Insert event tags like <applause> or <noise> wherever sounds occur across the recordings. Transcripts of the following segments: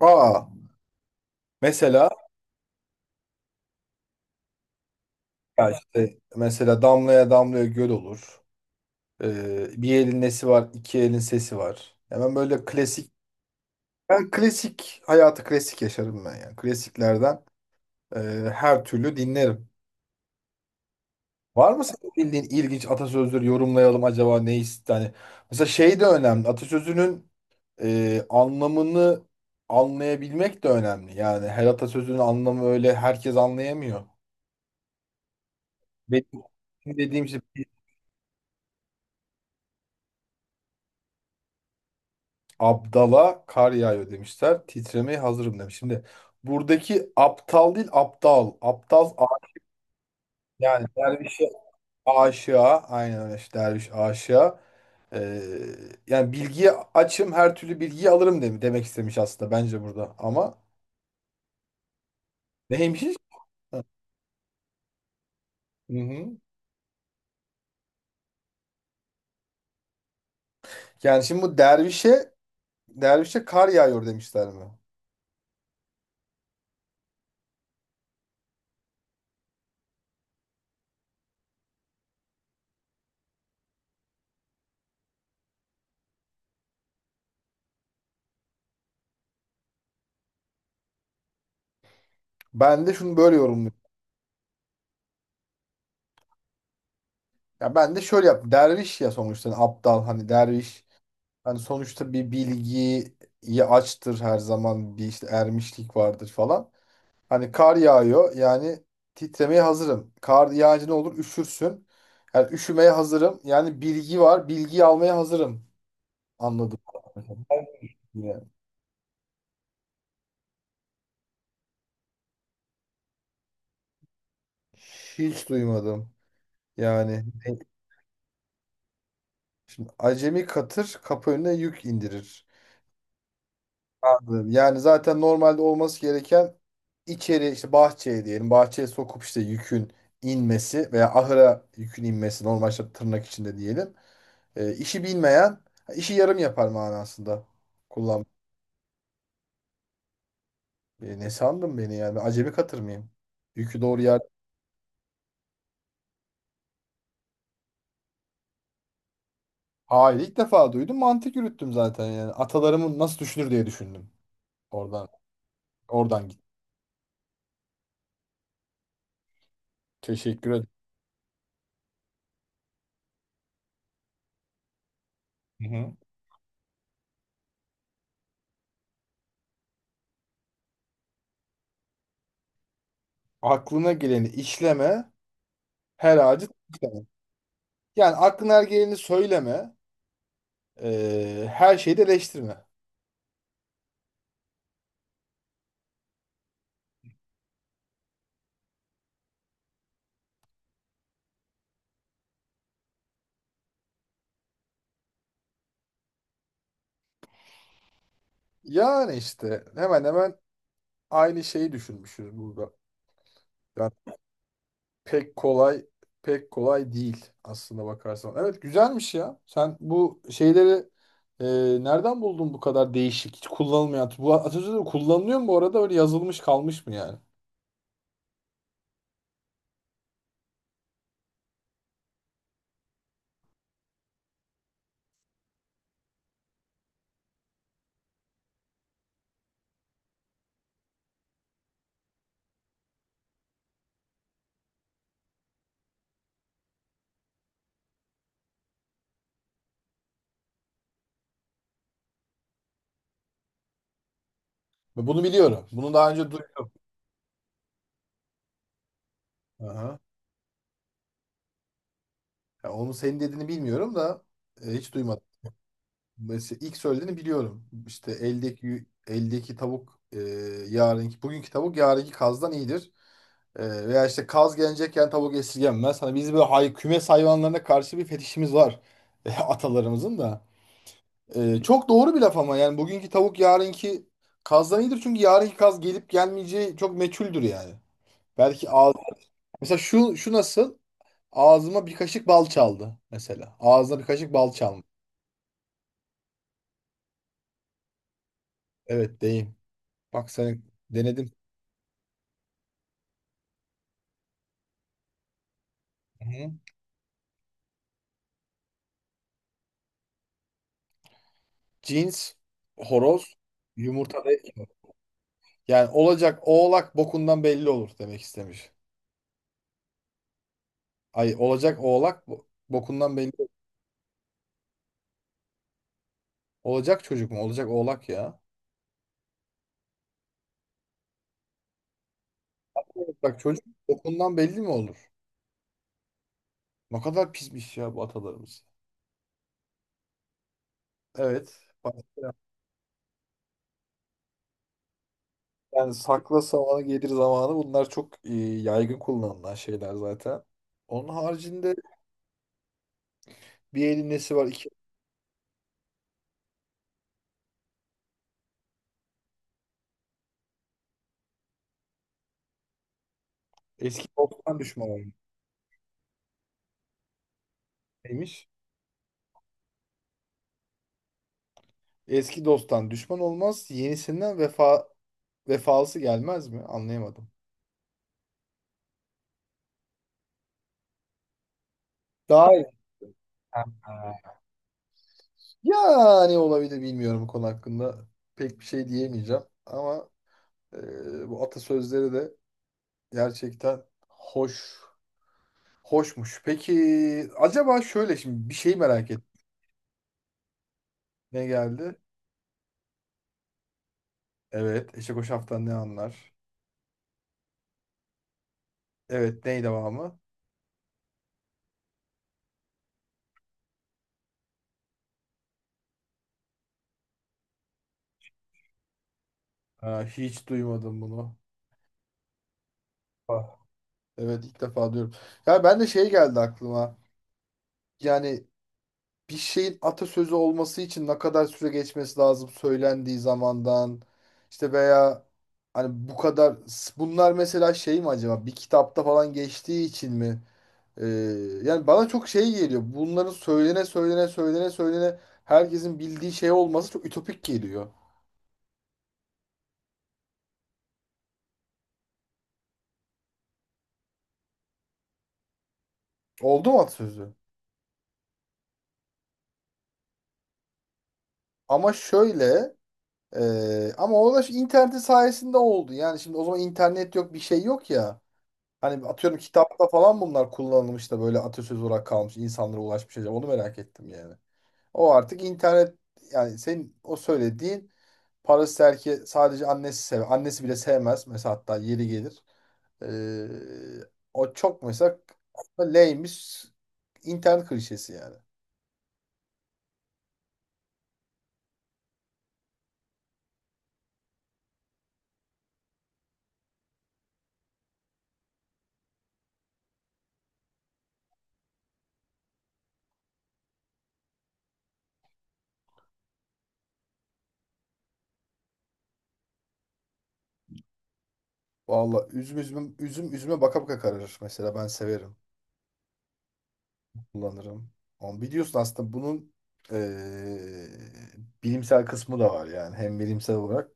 Aa, mesela ya işte mesela damlaya damlaya göl olur. Bir elin nesi var, iki elin sesi var. Hemen böyle klasik. Ben klasik hayatı klasik yaşarım ben yani. Klasiklerden e, her türlü dinlerim. Var mı senin bildiğin ilginç atasözleri, yorumlayalım acaba yani mesela şey de önemli. Atasözünün anlamını anlayabilmek de önemli. Yani her atasözünün anlamı öyle herkes anlayamıyor. Benim dediğim şey, Abdala kar yağıyor demişler. Titremeye hazırım demiş. Şimdi buradaki aptal değil aptal. Yani dervişe, aşığa. Aynen öyle işte, derviş aşığa. Ee, Yani bilgiye açım, her türlü bilgiyi alırım demek istemiş aslında bence burada. Ama neymiş? Hı hı. Yani şimdi bu dervişe kar yağıyor demişler mi? Ben de şunu böyle yorumluyorum. Ya ben de şöyle yap. Derviş ya sonuçta, hani aptal hani derviş. Hani sonuçta bir bilgiyi açtır, her zaman bir işte ermişlik vardır falan. Hani kar yağıyor, yani titremeye hazırım. Kar yağınca ne olur, üşürsün. Yani üşümeye hazırım. Yani bilgi var, bilgiyi almaya hazırım. Anladım. Yani hiç duymadım. Yani şimdi acemi katır kapı önüne yük indirir. Anladım. Yani zaten normalde olması gereken içeri, işte bahçeye diyelim, bahçeye sokup işte yükün inmesi veya ahıra yükün inmesi normal, işte tırnak içinde diyelim. İşi bilmeyen işi yarım yapar manasında kullan. Ne sandın beni yani, ben acemi katır mıyım? Yükü doğru yer. Hayır, ilk defa duydum, mantık yürüttüm zaten. Yani atalarımın nasıl düşünür diye düşündüm. Oradan, git. Teşekkür ederim. Hı hı. Aklına geleni işleme, her ağacı... Yani aklına her geleni söyleme. Her şeyi de eleştirme. Yani işte hemen hemen aynı şeyi düşünmüşüz burada. Yani pek kolay pek kolay değil aslında bakarsan. Evet güzelmiş ya. Sen bu şeyleri nereden buldun bu kadar değişik? Hiç kullanılmayan. Bu atasözleri kullanılıyor mu bu arada? Öyle yazılmış kalmış mı yani? Ben bunu biliyorum. Bunu daha önce duydum. Aha. Ya onu senin dediğini bilmiyorum da hiç duymadım. Mesela ilk söylediğini biliyorum. İşte eldeki tavuk, bugünkü tavuk yarınki kazdan iyidir. Veya işte kaz gelecekken tavuk esirgenmez. Hani biz böyle hay, kümes hayvanlarına karşı bir fetişimiz var. <laughs> Atalarımızın da. Çok doğru bir laf ama yani bugünkü tavuk yarınki kazdan iyidir. Çünkü yarınki kaz gelip gelmeyeceği çok meçhuldür yani. Belki ağz... Mesela şu nasıl? Ağzıma bir kaşık bal çaldı mesela. Ağzına bir kaşık bal çalmış. Evet, deyim. Bak sen, denedim. Hı. Cins, horoz, yumurta değil ki. Yani olacak oğlak bokundan belli olur demek istemiş. Ay, olacak oğlak bokundan belli olur. Olacak çocuk mu? Olacak oğlak ya. Bak, çocuk bokundan belli mi olur? Ne kadar pismiş ya bu atalarımız. Evet. Bak, yani sakla savanı gelir zamanı, bunlar çok yaygın kullanılan şeyler zaten. Onun haricinde bir elin nesi var? İki, eski Osman düşmanı neymiş? Eski dosttan düşman olmaz, yenisinden vefalısı gelmez mi? Anlayamadım. Daha iyi. Yani olabilir, bilmiyorum bu konu hakkında. Pek bir şey diyemeyeceğim ama bu atasözleri de gerçekten hoş hoşmuş. Peki acaba şöyle, şimdi bir şey merak ettim. Ne geldi? Evet, eşek o şaftan ne anlar? Evet, ney devamı? Ha, hiç duymadım bunu. Ah. Evet, ilk defa diyorum. Ya ben de şey geldi aklıma. Yani bir şeyin atasözü olması için ne kadar süre geçmesi lazım söylendiği zamandan, işte veya hani bu kadar, bunlar mesela şey mi acaba, bir kitapta falan geçtiği için mi? Ee, Yani bana çok şey geliyor. Bunların söylene söylene herkesin bildiği şey olması çok ütopik geliyor. Oldu mu atasözü? Ama şöyle ama o da şu internet sayesinde oldu. Yani şimdi o zaman internet yok, bir şey yok ya. Hani atıyorum kitapta falan bunlar kullanılmış da böyle atasözü olarak kalmış, insanlara ulaşmış, acaba onu merak ettim yani. O artık internet, yani senin o söylediğin, parası erkeği sadece annesi sever. Annesi bile sevmez mesela, hatta yeri gelir. Ee, O çok mesela leymiş internet klişesi yani. Valla üzüme baka baka kararır mesela, ben severim, kullanırım. Ama biliyorsun aslında bunun ee, bilimsel kısmı da var. Yani hem bilimsel olarak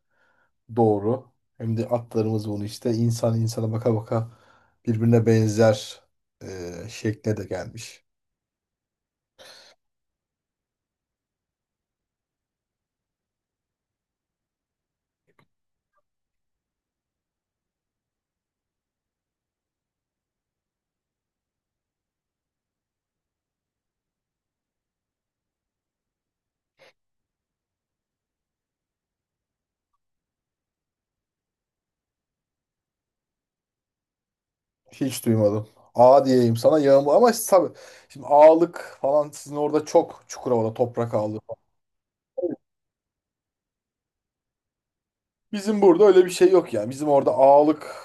doğru. Hem de atlarımız bunu işte insan insana baka baka birbirine benzer şekle de gelmiş. Hiç duymadım. A diyeyim sana yağmur, ama işte tabii şimdi ağalık falan sizin orada çok, Çukurova'da toprak ağalığı falan. Bizim burada öyle bir şey yok yani. Bizim orada ağalık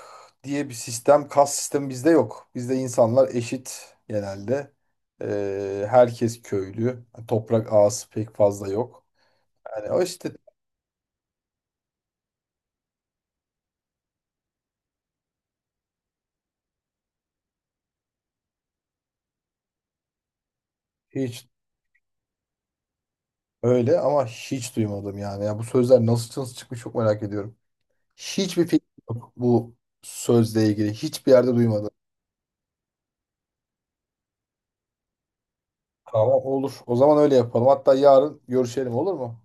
diye bir sistem, kas sistemi bizde yok. Bizde insanlar eşit genelde. Herkes köylü. Toprak ağası pek fazla yok. Yani o işte hiç... Öyle ama hiç duymadım yani. Ya bu sözler nasıl çıkmış çok merak ediyorum. Hiçbir fikrim yok bu sözle ilgili. Hiçbir yerde duymadım. Tamam, olur. O zaman öyle yapalım. Hatta yarın görüşelim, olur mu?